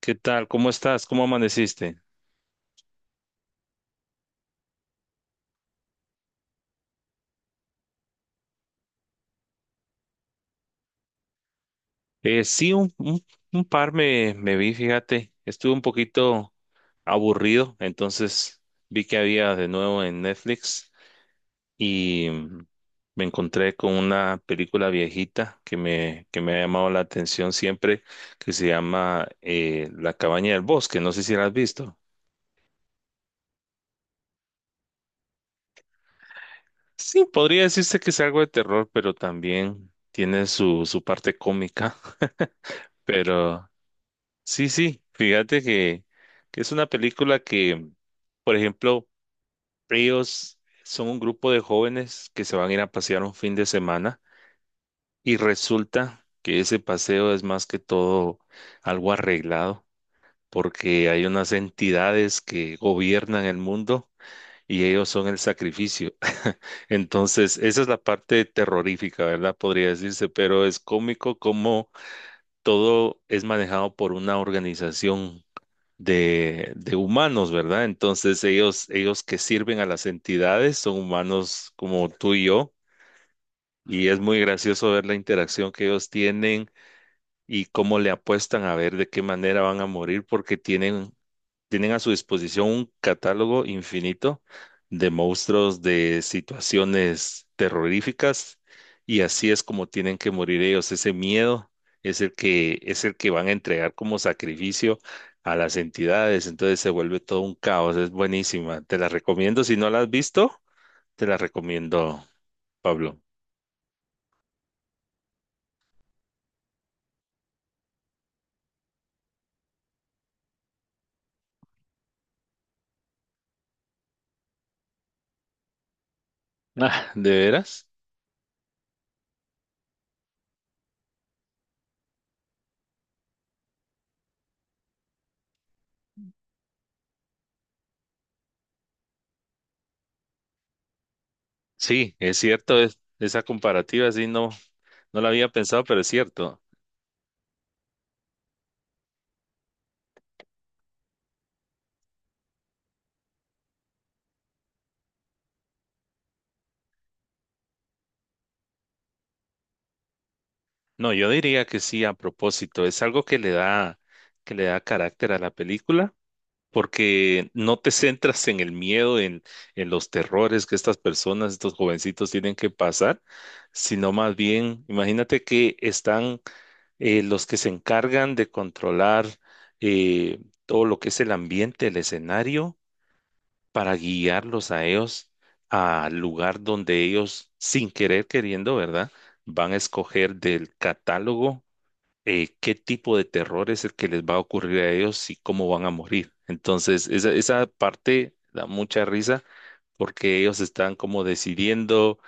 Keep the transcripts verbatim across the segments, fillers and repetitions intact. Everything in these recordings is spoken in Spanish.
¿Qué tal? ¿Cómo estás? ¿Cómo amaneciste? Eh, sí, un, un- un par me, me vi, fíjate. Estuve un poquito aburrido, entonces vi que había de nuevo en Netflix y mm, me encontré con una película viejita que me, que me ha llamado la atención siempre, que se llama eh, La cabaña del bosque. No sé si la has visto. Sí, podría decirse que es algo de terror, pero también tiene su, su parte cómica, pero... Sí, sí, fíjate que, que es una película que, por ejemplo, ellos son un grupo de jóvenes que se van a ir a pasear un fin de semana y resulta que ese paseo es más que todo algo arreglado porque hay unas entidades que gobiernan el mundo y ellos son el sacrificio. Entonces, esa es la parte terrorífica, ¿verdad? Podría decirse, pero es cómico como todo es manejado por una organización de, de humanos, ¿verdad? Entonces ellos, ellos que sirven a las entidades son humanos como tú y yo, y es muy gracioso ver la interacción que ellos tienen y cómo le apuestan a ver de qué manera van a morir, porque tienen tienen a su disposición un catálogo infinito de monstruos, de situaciones terroríficas, y así es como tienen que morir ellos. Ese miedo es el que, es el que van a entregar como sacrificio a las entidades. Entonces se vuelve todo un caos. Es buenísima. Te la recomiendo. Si no la has visto, te la recomiendo, Pablo. Ah, ¿de veras? Sí, es cierto. Es- esa comparativa sí no, no la había pensado, pero es cierto. No, yo diría que sí, a propósito, es algo que le da, que le da carácter a la película, porque no te centras en el miedo, en, en los terrores que estas personas, estos jovencitos tienen que pasar, sino más bien, imagínate que están eh, los que se encargan de controlar eh, todo lo que es el ambiente, el escenario, para guiarlos a ellos al lugar donde ellos, sin querer queriendo, ¿verdad? Van a escoger del catálogo eh, qué tipo de terror es el que les va a ocurrir a ellos y cómo van a morir. Entonces, esa, esa parte da mucha risa porque ellos están como decidiendo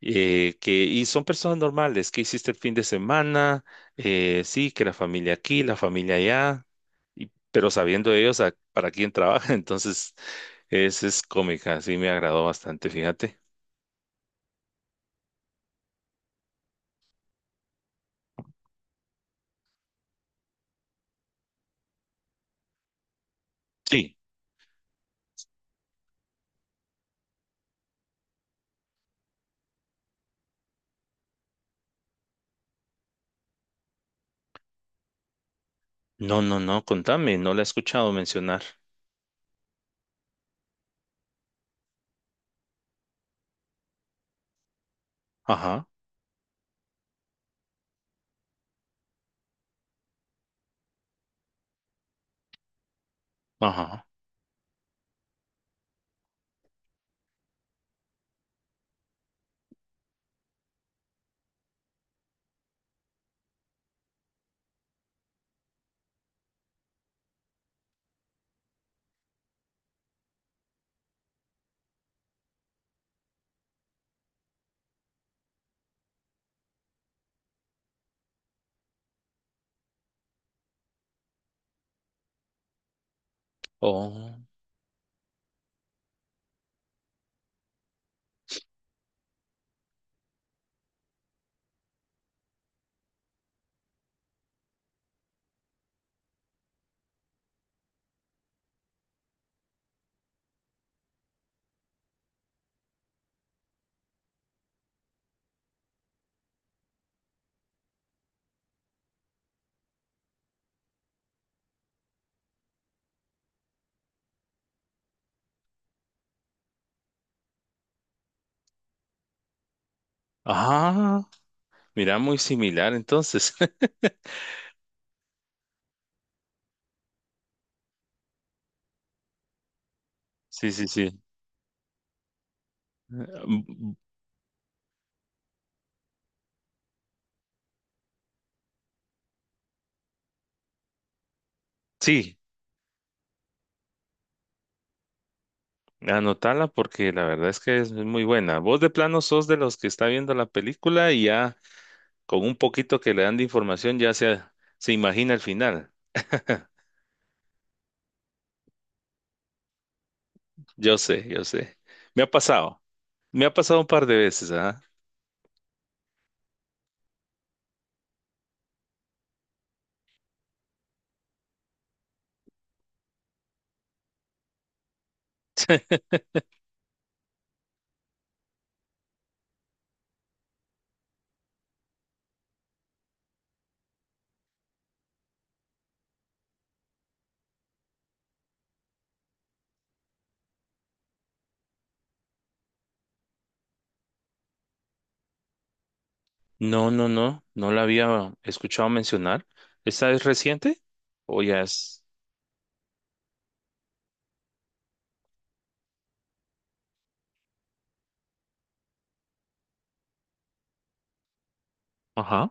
eh, que, y son personas normales, ¿qué hiciste el fin de semana? Eh, sí, que la familia aquí, la familia allá, y- pero sabiendo ellos a- para quién trabaja, entonces es, es cómica, sí me agradó bastante, fíjate. Sí. No, no, no, contame, no la he escuchado mencionar. Ajá, ajá. Oh. Ah, mira, muy similar entonces. Sí, sí, sí. Mm. Sí, anotala porque la verdad es que es muy buena. Vos de plano sos de los que está viendo la película y ya con un poquito que le dan de información ya se, se imagina el final. Yo sé, yo sé. Me ha pasado. Me ha pasado un par de veces, ¿ah? No, no, no. No la había escuchado mencionar. ¿Esta es reciente? ¿O ya es? Ajá.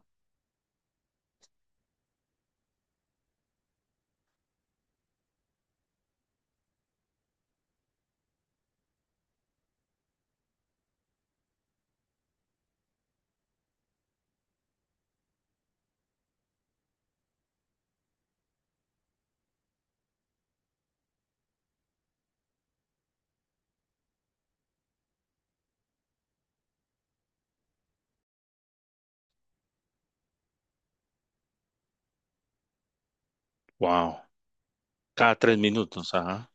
Wow. Cada tres minutos, ajá.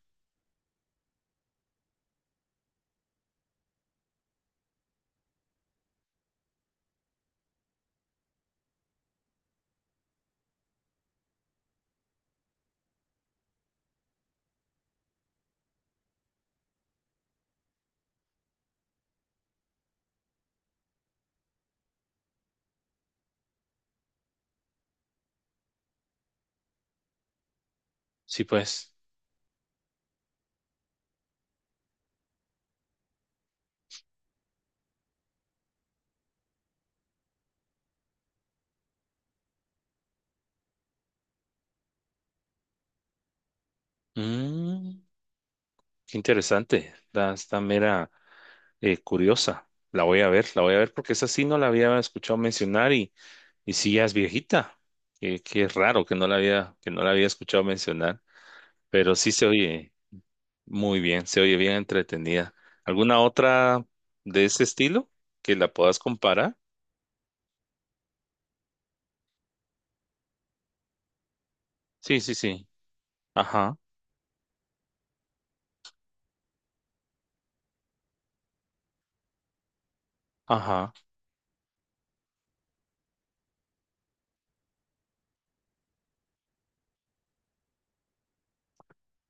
Sí, pues. Mm, qué interesante. Está, está mera eh, curiosa. La voy a ver, la voy a ver porque esa sí no la había escuchado mencionar, y, y sí ya es viejita. Qué, qué raro que no la había, que no la había escuchado mencionar, pero sí se oye muy bien, se oye bien entretenida. ¿Alguna otra de ese estilo que la puedas comparar? Sí, sí, sí. Ajá, ajá.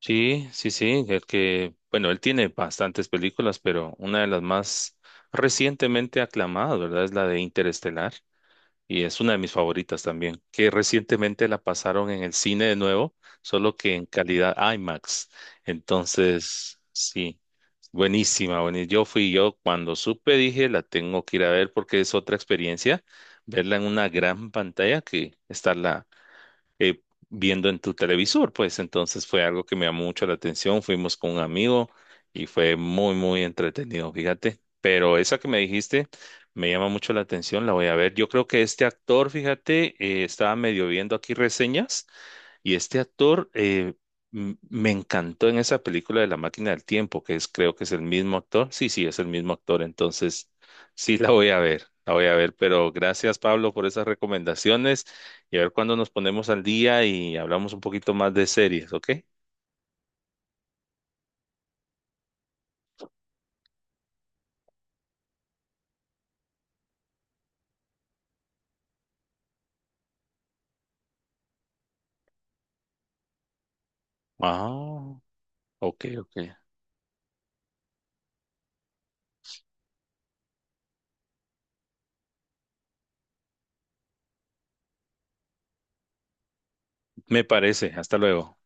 Sí, sí, sí, el que, bueno, él tiene bastantes películas, pero una de las más recientemente aclamadas, ¿verdad? Es la de Interestelar y es una de mis favoritas también, que recientemente la pasaron en el cine de nuevo, solo que en calidad i max. Entonces, sí, buenísima, buenísima. Yo fui yo cuando supe, dije, la tengo que ir a ver porque es otra experiencia, verla en una gran pantalla que está eh, viendo en tu televisor, pues entonces fue algo que me llamó mucho la atención, fuimos con un amigo y fue muy, muy entretenido, fíjate, pero esa que me dijiste me llama mucho la atención, la voy a ver. Yo creo que este actor, fíjate, eh, estaba medio viendo aquí reseñas. Y este actor eh, m- me encantó en esa película de La Máquina del Tiempo, que es, creo que es el mismo actor. Sí, sí, es el mismo actor. Entonces, sí, la voy a ver, la voy a ver. Pero gracias, Pablo, por esas recomendaciones. Y a ver cuándo nos ponemos al día y hablamos un poquito más de series, ¿ok? Ah, ok, ok. Me parece. Hasta luego.